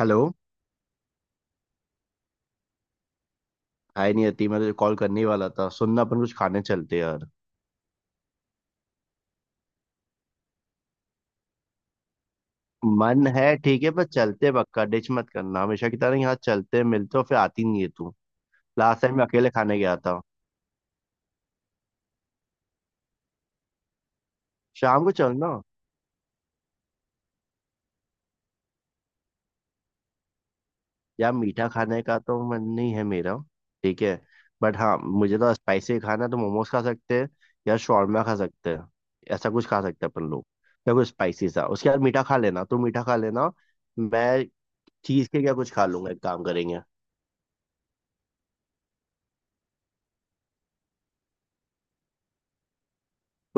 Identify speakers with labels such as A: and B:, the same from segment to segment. A: Hello. Hi Niyati, मैं तुझे call करने ही वाला था। सुनना, अपन कुछ खाने चलते हैं यार। मन है ठीक है, पर चलते पक्का, डिच मत करना हमेशा की तरह। यहाँ चलते मिलते और फिर आती नहीं है तू। लास्ट टाइम मैं अकेले खाने गया था। शाम को चलना। यार, मीठा खाने का तो मन नहीं है मेरा। ठीक है, बट हाँ मुझे तो स्पाइसी खाना है, तो मोमोज खा सकते हैं या शॉर्मा खा सकते हैं। ऐसा कुछ खा सकते हैं अपन लोग। या कुछ स्पाइसी सा, उसके बाद मीठा खा लेना, तू मीठा खा लेना। मैं चीज के क्या कुछ खा लूंगा। एक काम करेंगे,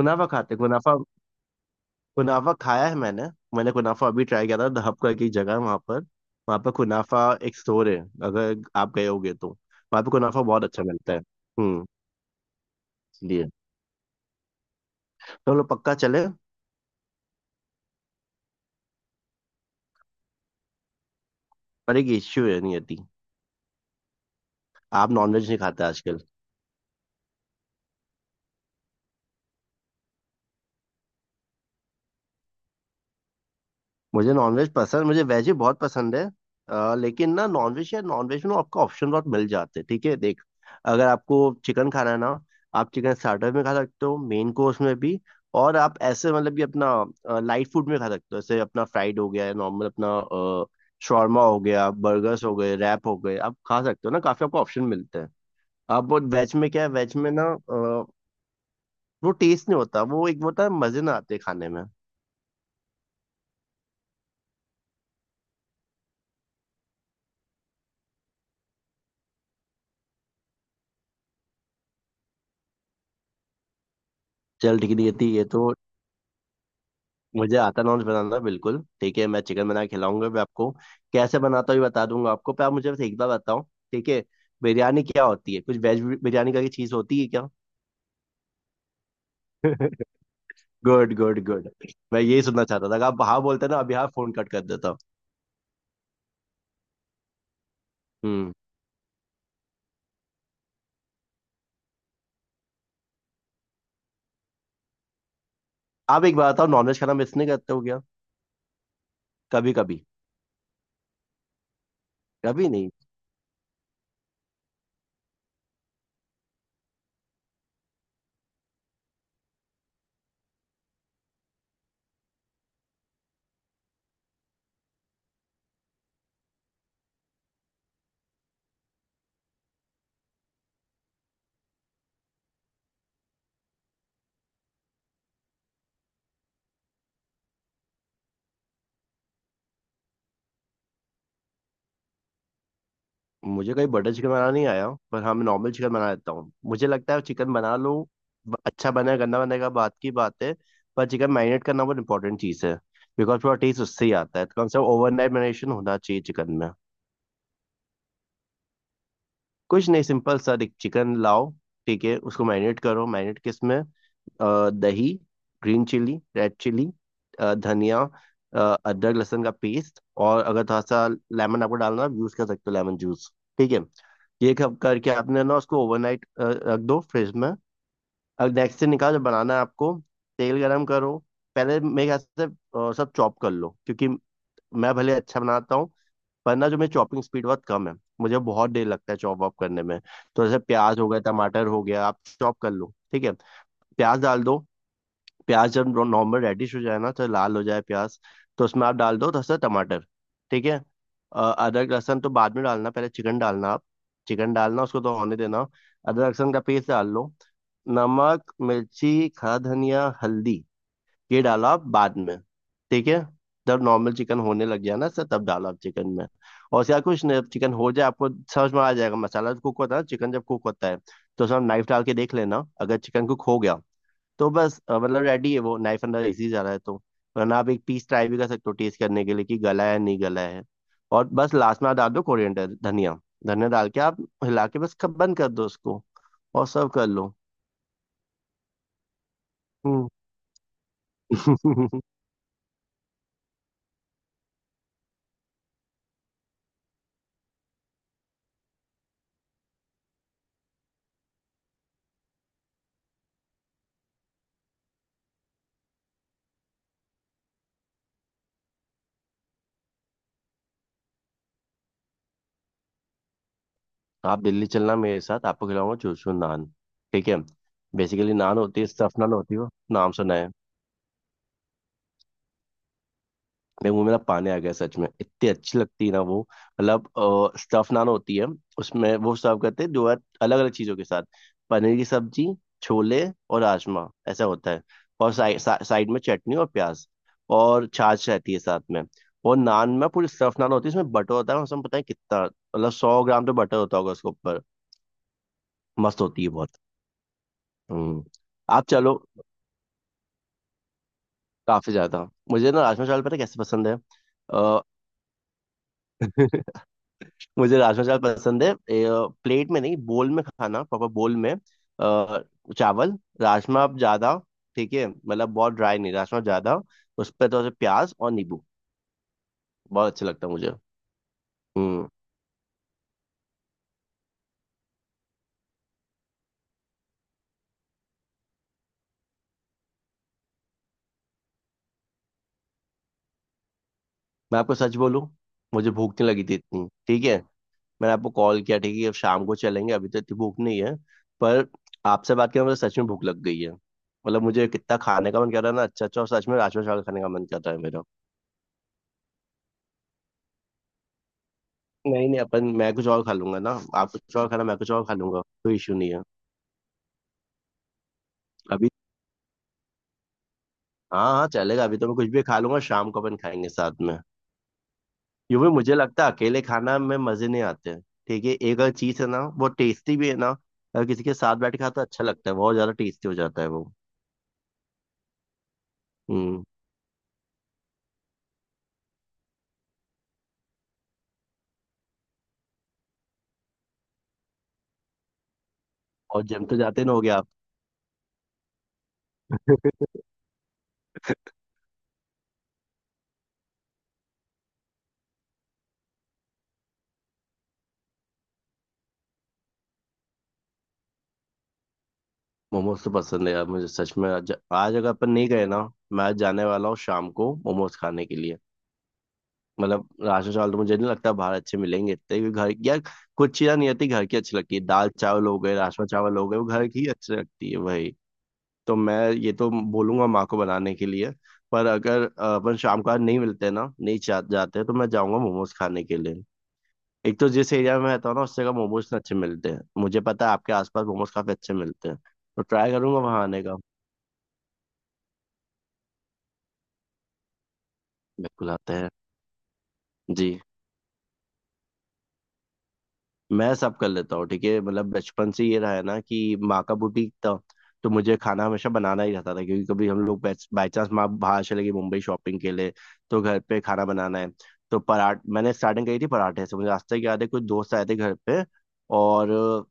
A: कुनाफा खाते। कुनाफा, कुनाफा खाया है मैंने। मैंने कुनाफा अभी ट्राई किया था। द हब करके एक जगह है वहाँ पर। वहाँ पर कुनाफा, एक स्टोर है, अगर आप गए होगे तो। वहाँ पे कुनाफा बहुत अच्छा मिलता है। हम्म, इसलिए तो हम लोग पक्का चले। पर एक इश्यू है, नहीं आती। आप नॉनवेज नहीं खाते आजकल? मुझे नॉनवेज पसंद, मुझे वेज ही बहुत पसंद है। लेकिन ना नॉनवेज, या नॉनवेज में ना आपको ऑप्शन बहुत मिल जाते हैं। ठीक है, देख, अगर आपको चिकन खाना है ना, आप चिकन स्टार्टर में खा सकते हो, मेन कोर्स में भी। और आप ऐसे मतलब कि अपना लाइट फूड में खा सकते हो। जैसे अपना फ्राइड हो गया नॉर्मल अपना शॉर्मा हो गया, बर्गर्स हो गए, रैप हो गए, आप खा सकते हो ना, काफी आपको ऑप्शन मिलते हैं। आप वो वेज में क्या है, वेज में ना अ, वो टेस्ट नहीं होता। वो एक वो होता है, मजे ना आते खाने में। चल ठीक है। ये तो मुझे आता, नॉन्स बनाना। बिल्कुल ठीक है, मैं चिकन बना के खिलाऊंगा भी आपको। कैसे बनाता हूँ ये बता दूंगा आपको, पर आप मुझे बस एक बार बताओ, ठीक है। बिरयानी क्या होती है? कुछ वेज बिरयानी का चीज होती है क्या? Good good good. मैं यही सुनना चाहता था कि आप हाँ बोलते ना, अभी हाँ फोन कट कर देता हूँ। हम्म, आप एक बात बताओ, नॉनवेज खाना मिस नहीं करते हो क्या कभी कभी? कभी नहीं। मुझे कहीं बटर चिकन बनाना नहीं आया, पर हाँ मैं नॉर्मल चिकन बना लेता हूँ। मुझे लगता है चिकन बना लो। अच्छा बने, गंदा बनेगा, बात की बात है। पर चिकन मैरिनेट करना बहुत इंपॉर्टेंट चीज़ है। बिकॉज पूरा टेस्ट उससे ही आता है, तो कम से कम ओवरनाइट मैरिनेशन होना चाहिए चिकन में। कुछ नहीं, सिंपल सा एक चिकन लाओ, ठीक है, उसको मैरिनेट करो। मैरिनेट किस में? दही, ग्रीन चिली, रेड चिली, धनिया, अदरक लहसुन का पेस्ट। और अगर थोड़ा सा लेमन आपको डालना है, आप यूज कर सकते हो लेमन जूस, ठीक है। ये कब करके आपने ना, उसको ओवरनाइट रख दो फ्रिज में। अब नेक्स्ट से निकाल जब बनाना है आपको, तेल गरम करो। पहले मेरे ख्याल से सब चॉप कर लो, क्योंकि मैं भले अच्छा बनाता हूँ, पर ना जो मेरी चॉपिंग स्पीड बहुत कम है। मुझे बहुत देर लगता है चॉप वॉप करने में। तो जैसे प्याज हो गया, टमाटर हो गया, आप चॉप कर लो ठीक है। प्याज डाल दो। प्याज जब नॉर्मल रेडिश हो जाए ना, तो लाल हो जाए प्याज, तो उसमें आप डाल दो दस से टमाटर, ठीक है। अदरक लहसुन तो बाद में डालना, पहले चिकन डालना आप। चिकन डालना, उसको तो होने देना। अदरक लहसुन का पेस्ट डाल लो। नमक, मिर्ची, खड़ा धनिया, हल्दी, ये डालो आप बाद में ठीक है। जब नॉर्मल चिकन होने लग गया ना सर, तब डालो आप चिकन में। और उसके बाद कुछ नहीं, चिकन हो जाए, आपको समझ में आ जाएगा मसाला कुक होता है, चिकन जब कुक होता है। तो उसमें नाइफ डाल के देख लेना, अगर चिकन कुक हो गया तो बस, मतलब रेडी है। वो नाइफ अंदर इजी जा रहा है तो, वरना आप एक पीस ट्राई भी कर सकते हो टेस्ट करने के लिए कि गला है नहीं गला है। और बस लास्ट में आप डाल दो कोरिएंडर धनिया। धनिया डाल के आप हिला के बस कब बंद कर दो उसको, और सर्व कर लो। हम्म। आप दिल्ली चलना मेरे साथ, आपको खिलाऊंगा चूसू नान, ठीक है। बेसिकली नान होती है, स्टफ नान होती है, वो नाम सुना है? मेरे मुंह में ना पानी आ गया सच में। इतनी अच्छी लगती है ना वो। मतलब स्टफ नान होती है, उसमें वो सर्व करते हैं जो है, अलग अलग चीज़ों के साथ। पनीर की सब्जी, छोले, और राजमा, ऐसा होता है। और साइड में चटनी और प्याज, और छाछ रहती है साथ में। और नान में पूरी स्टफ नान होती है, उसमें बटर होता है, उसमें पता है कितना, मतलब 100 ग्राम तो बटर होता होगा उसके ऊपर। मस्त होती है बहुत। हम्म, आप चलो। काफी ज्यादा। मुझे ना राजमा चावल पता है कैसे पसंद है। अ, मुझे राजमा चावल पसंद है प्लेट में नहीं, बोल में खाना, प्रॉपर बोल में। चावल राजमा आप ज्यादा, ठीक है, मतलब बहुत ड्राई नहीं, राजमा ज्यादा। उस पर थोड़ा सा प्याज और नींबू, बहुत अच्छा लगता है मुझे। हम्म। मैं आपको सच बोलूं, मुझे भूख नहीं लगी थी इतनी ठीक है। मैंने आपको कॉल किया, ठीक है अब शाम को चलेंगे, अभी तो इतनी भूख नहीं है। पर आपसे बात करके मुझे सच में भूख लग गई है। मतलब मुझे कितना खाने का मन कर रहा है ना, अच्छा अच्छा, और सच में राजमा चावल खाने का मन कर रहा है मेरा। नहीं नहीं अपन, मैं कुछ और खा लूंगा ना। आप कुछ और खाना, मैं कुछ और खा लूंगा, कोई इशू नहीं है। अभी हाँ हाँ चलेगा, अभी तो मैं कुछ भी खा लूंगा, शाम को अपन खाएंगे साथ में। यूं भी मुझे लगता है अकेले खाना में मजे नहीं आते। ठीक है, एक अगर चीज है ना, वो टेस्टी भी है ना, अगर किसी के साथ बैठ के खाता अच्छा लगता है, बहुत ज्यादा टेस्टी हो जाता है वो। हम्म, और जिम तो जाते ना हो गया। मोमोज तो पसंद है यार मुझे सच में। आज अगर अपन नहीं गए ना, मैं आज जाने वाला हूँ शाम को मोमोज खाने के लिए। मतलब राशन चावल तो मुझे नहीं लगता बाहर अच्छे मिलेंगे इतने, क्योंकि घर यार, कुछ चीज़ें नहीं आती, घर की अच्छी लगती है। दाल चावल हो गए, राजमा चावल हो गए, वो घर की ही अच्छी लगती है भाई। तो मैं ये तो बोलूंगा माँ को बनाने के लिए। पर अगर अपन शाम को आज नहीं मिलते ना, नहीं जाते, तो मैं जाऊंगा मोमोज खाने के लिए। एक तो जिस एरिया में रहता हूँ ना, उससे का मोमोज अच्छे मिलते हैं, मुझे पता है आपके आसपास मोमोज काफी अच्छे मिलते हैं। तो ट्राई करूंगा वहां आने का। बिल्कुल आता है। जी। मैं सब कर लेता हूँ ठीक है। मतलब बचपन से ये रहा है ना कि माँ का बुटीक था, तो मुझे खाना हमेशा बनाना ही रहता था, क्योंकि कभी हम लोग, बाई चांस माँ बाहर चले गई मुंबई शॉपिंग के लिए, तो घर पे खाना बनाना है। तो पराठ मैंने स्टार्टिंग करी थी पराठे से। मुझे आज तक याद है, कुछ दोस्त आए थे घर पे और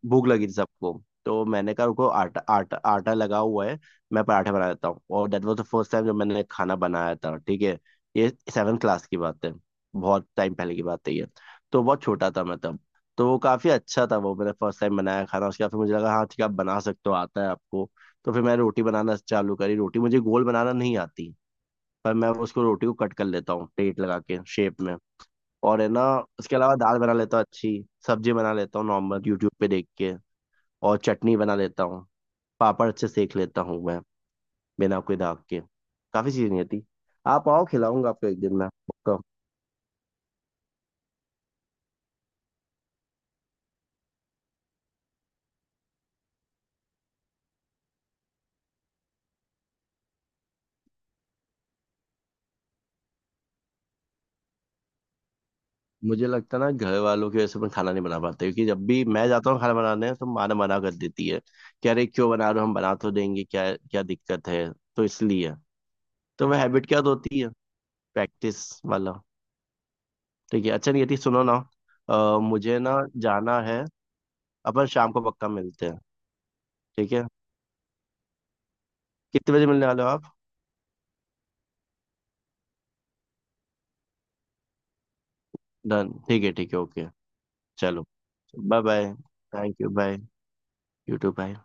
A: भूख लगी थी सबको, तो मैंने कहा उनको, आटा आटा आटा लगा हुआ है, मैं पराठे बना देता हूँ, और that was the first time जब मैंने खाना बनाया था ठीक है। ये 7 क्लास की बात है, बहुत टाइम पहले की बात है ये, तो बहुत छोटा था मैं तब। तो वो काफ़ी अच्छा था, वो मैंने फर्स्ट टाइम बनाया खाना। उसके बाद फिर मुझे लगा हाँ ठीक है, आप बना सकते हो, आता है आपको। तो फिर मैं रोटी बनाना चालू करी। रोटी मुझे गोल बनाना नहीं आती, पर मैं उसको रोटी को कट कर लेता हूँ प्लेट लगा के शेप में। और है ना, उसके अलावा दाल बना लेता हूँ, अच्छी सब्जी बना लेता हूँ नॉर्मल यूट्यूब पे देख के, और चटनी बना लेता हूँ, पापड़ अच्छे सेक लेता हूँ मैं, बिना कोई दाग के। काफ़ी चीज़ें नहीं आती। आप आओ, खिलाऊंगा आपको एक दिन मैं पक्का। मुझे लगता है ना घर वालों की वजह से मैं खाना नहीं बना पाता, क्योंकि जब भी मैं जाता हूँ खाना बनाने, तो माँ ना मना कर देती है कि अरे क्यों बना रहे हो, हम बना तो देंगे, क्या क्या दिक्कत है। तो इसलिए, तो वह हैबिट क्या होती है, प्रैक्टिस वाला। ठीक है, अच्छा नियति सुनो ना, मुझे ना जाना है। अपन शाम को पक्का मिलते हैं, ठीक है। कितने बजे मिलने वाले हो आप? डन, ठीक है ठीक है, ओके। चलो, bye bye. Thank you, bye. YouTube bye.